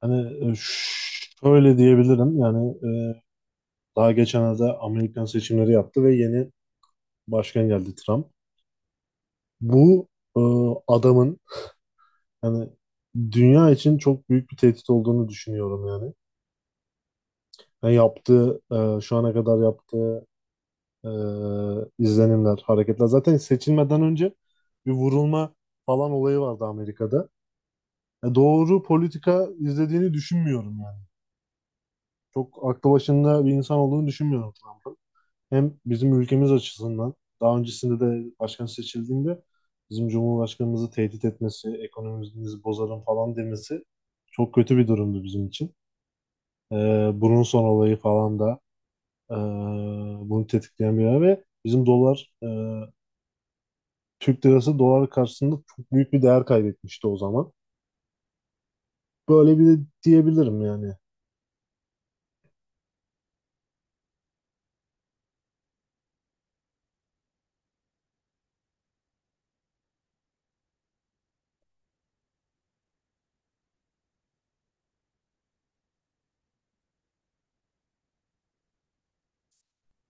Hani, şöyle diyebilirim yani, daha geçenlerde Amerikan seçimleri yaptı ve yeni başkan geldi Trump. Bu e, adamın hani dünya için çok büyük bir tehdit olduğunu düşünüyorum yani. Yani yaptığı şu ana kadar yaptığı e, izlenimler, hareketler zaten seçilmeden önce bir vurulma falan olayı vardı Amerika'da. Doğru politika izlediğini düşünmüyorum yani. Çok aklı başında bir insan olduğunu düşünmüyorum Trump'ın. Hem bizim ülkemiz açısından daha öncesinde de başkan seçildiğinde bizim Cumhurbaşkanımızı tehdit etmesi, ekonomimizi bozarım falan demesi çok kötü bir durumdu bizim için. Bunun son olayı falan da e, bunu tetikleyen bir yer ve bizim dolar, Türk lirası dolar karşısında çok büyük bir değer kaybetmişti o zaman. Böyle bir de diyebilirim yani.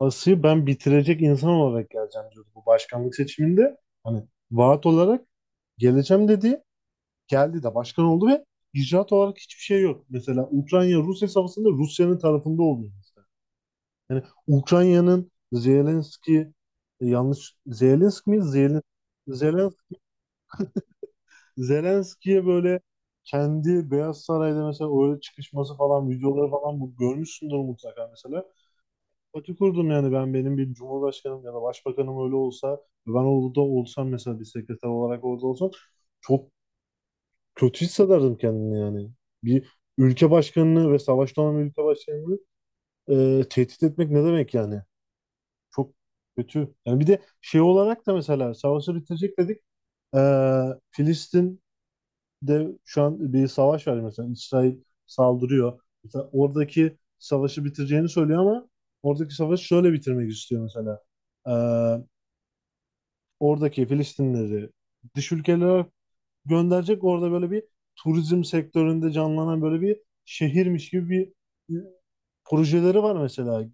Asıyı ben bitirecek insan olarak geleceğim diyordu bu başkanlık seçiminde. Hani vaat olarak geleceğim dedi, geldi de başkan oldu ve icraat olarak hiçbir şey yok. Mesela Ukrayna-Rusya savaşında Rusya'nın tarafında oluyor mesela. Yani Ukrayna'nın Zelenski, yanlış Zelenski mi? Zelen, Zelenski'ye böyle kendi Beyaz Saray'da mesela öyle çıkışması falan videoları falan bu görmüşsündür mutlaka mesela. Pati kurdum yani, ben, benim bir cumhurbaşkanım ya da başbakanım öyle olsa, ben orada olsam mesela, bir sekreter olarak orada olsam çok kötü hissederdim kendini yani. Bir ülke başkanını ve savaşta olan bir ülke başkanını tehdit etmek ne demek yani? Çok kötü. Yani bir de şey olarak da mesela savaşı bitirecek dedik. E, Filistin'de şu an bir savaş var mesela. İsrail saldırıyor. Mesela oradaki savaşı bitireceğini söylüyor ama oradaki savaşı şöyle bitirmek istiyor mesela. E, Oradaki Filistinleri dış ülkelere gönderecek. Orada böyle bir turizm sektöründe canlanan böyle bir şehirmiş gibi bir e, projeleri var mesela.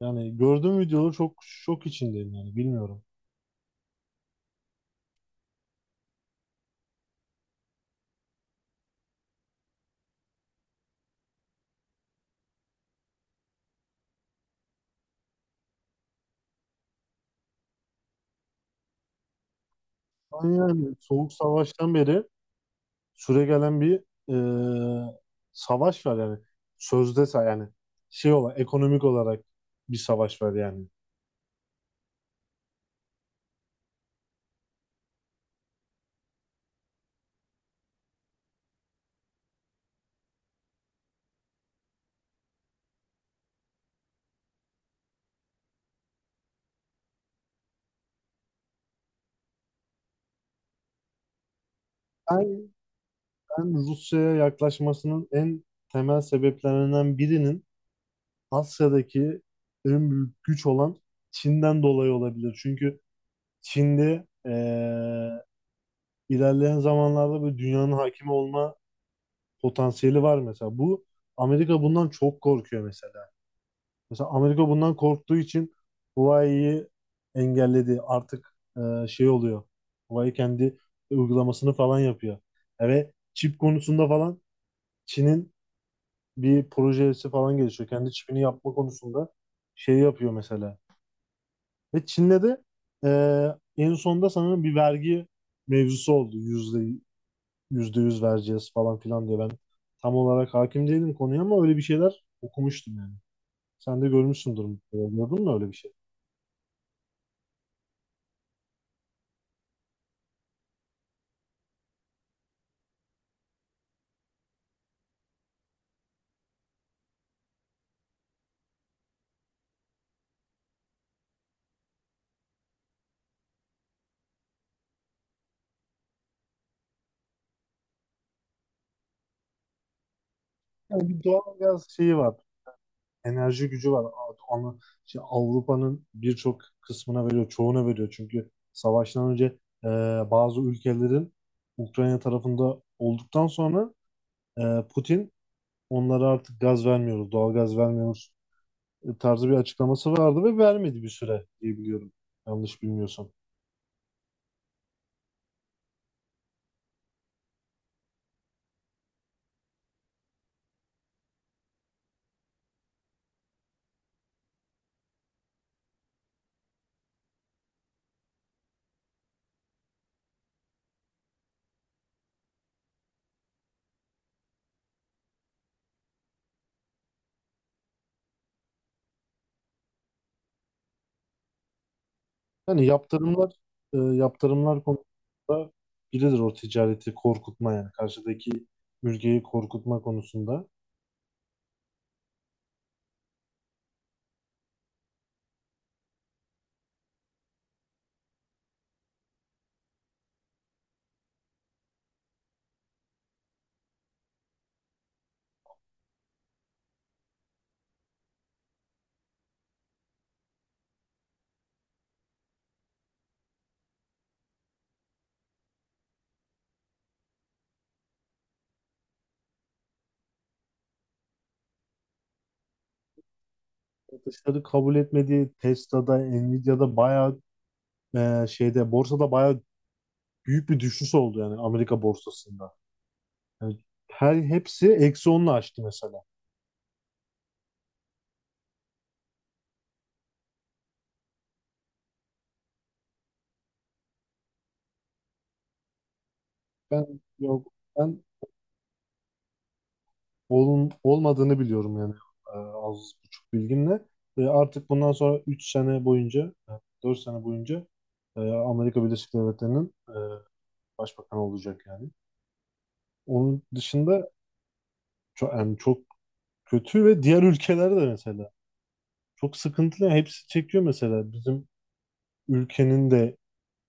Yani gördüğüm videoları çok şok içindeyim yani bilmiyorum. Yani Soğuk Savaş'tan beri süregelen bir e, savaş var yani. Sözde yani şey olarak ekonomik olarak bir savaş var yani. Ben, ben Rusya'ya yaklaşmasının en temel sebeplerinden birinin Asya'daki en büyük güç olan Çin'den dolayı olabilir. Çünkü Çin'de ilerleyen zamanlarda böyle dünyanın hakimi olma potansiyeli var mesela. Bu Amerika bundan çok korkuyor mesela. Mesela Amerika bundan korktuğu için Huawei'yi engelledi. Artık şey oluyor. Huawei kendi uygulamasını falan yapıyor. Ve çip konusunda falan Çin'in bir projesi falan gelişiyor. Kendi çipini yapma konusunda şey yapıyor mesela. Ve Çin'de de en sonunda sanırım bir vergi mevzusu oldu. %100 vereceğiz falan filan diye. Ben tam olarak hakim değilim konuya ama öyle bir şeyler okumuştum yani. Sen de görmüşsündür. Mutlaka. Gördün mü öyle bir şey? Yani bir doğal gaz şeyi var. Enerji gücü var. Şey, Avrupa'nın birçok kısmına veriyor. Çoğuna veriyor. Çünkü savaştan önce eee, bazı ülkelerin Ukrayna tarafında olduktan sonra Putin onlara artık gaz vermiyoruz, doğal gaz vermiyoruz tarzı bir açıklaması vardı ve vermedi bir süre diye biliyorum. Yanlış bilmiyorsam. Yani yaptırımlar konusunda biridir o ticareti korkutma yani karşıdaki mülkiyi korkutma konusunda. Satışları kabul etmediği Tesla'da, Nvidia'da bayağı şeyde borsada bayağı büyük bir düşüş oldu yani Amerika borsasında. Yani her hepsi -10'la açtı mesela. Ben yok ben olun, olmadığını biliyorum yani, az buçuk bilgimle. Ve artık bundan sonra 3 sene boyunca, 4 sene boyunca Amerika Birleşik Devletleri'nin başbakanı olacak yani. Onun dışında çok, yani çok kötü ve diğer ülkelerde de mesela çok sıkıntılı. Hepsi çekiyor mesela bizim ülkenin de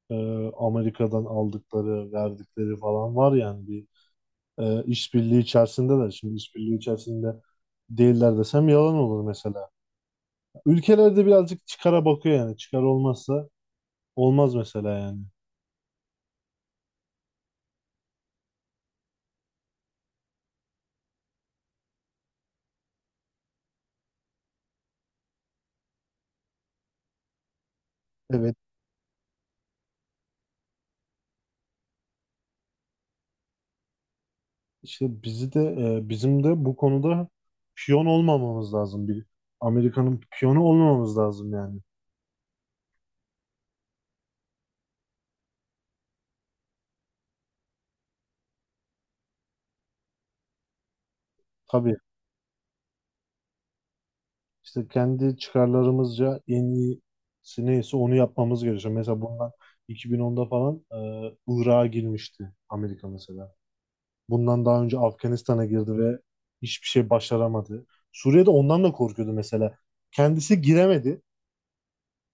e, Amerika'dan aldıkları, verdikleri falan var yani bir işbirliği içerisindeler. Şimdi işbirliği içerisinde değiller desem yalan olur mesela. Ülkelerde birazcık çıkara bakıyor yani. Çıkar olmazsa olmaz mesela yani. Evet, işte bizi de bizim de bu konuda piyon olmamamız lazım. Bir Amerika'nın piyonu olmamamız lazım yani. Tabii işte kendi çıkarlarımızca en iyisi neyse onu yapmamız gerekiyor. Mesela bundan 2010'da falan Irak'a girmişti Amerika mesela. Bundan daha önce Afganistan'a girdi ve hiçbir şey başaramadı. Suriye'de ondan da korkuyordu mesela. Kendisi giremedi.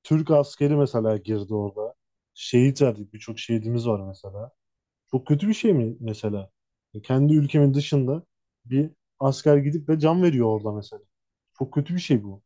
Türk askeri mesela girdi orada. Şehit verdik. Birçok şehidimiz var mesela. Çok kötü bir şey mi mesela? Kendi ülkemin dışında bir asker gidip de can veriyor orada mesela. Çok kötü bir şey bu.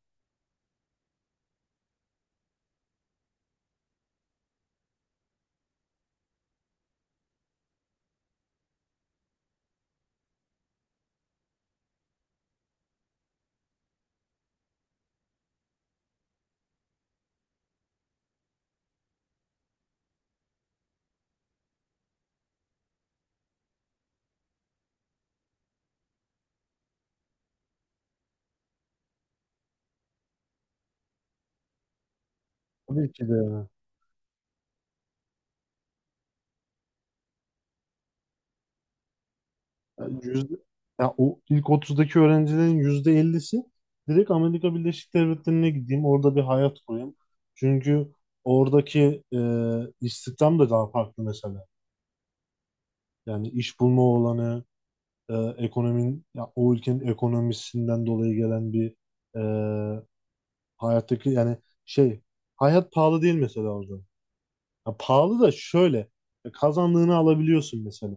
Tabii ki de yani. Yani ya o ilk 30'daki öğrencilerin %50'si direkt Amerika Birleşik Devletleri'ne gideyim. Orada bir hayat kurayım. Çünkü oradaki istihdam da daha farklı mesela. Yani iş bulma olanı, ekonominin ya o ülkenin ekonomisinden dolayı gelen bir e, hayattaki yani şey hayat pahalı değil mesela orada. Ya pahalı da şöyle kazandığını alabiliyorsun mesela.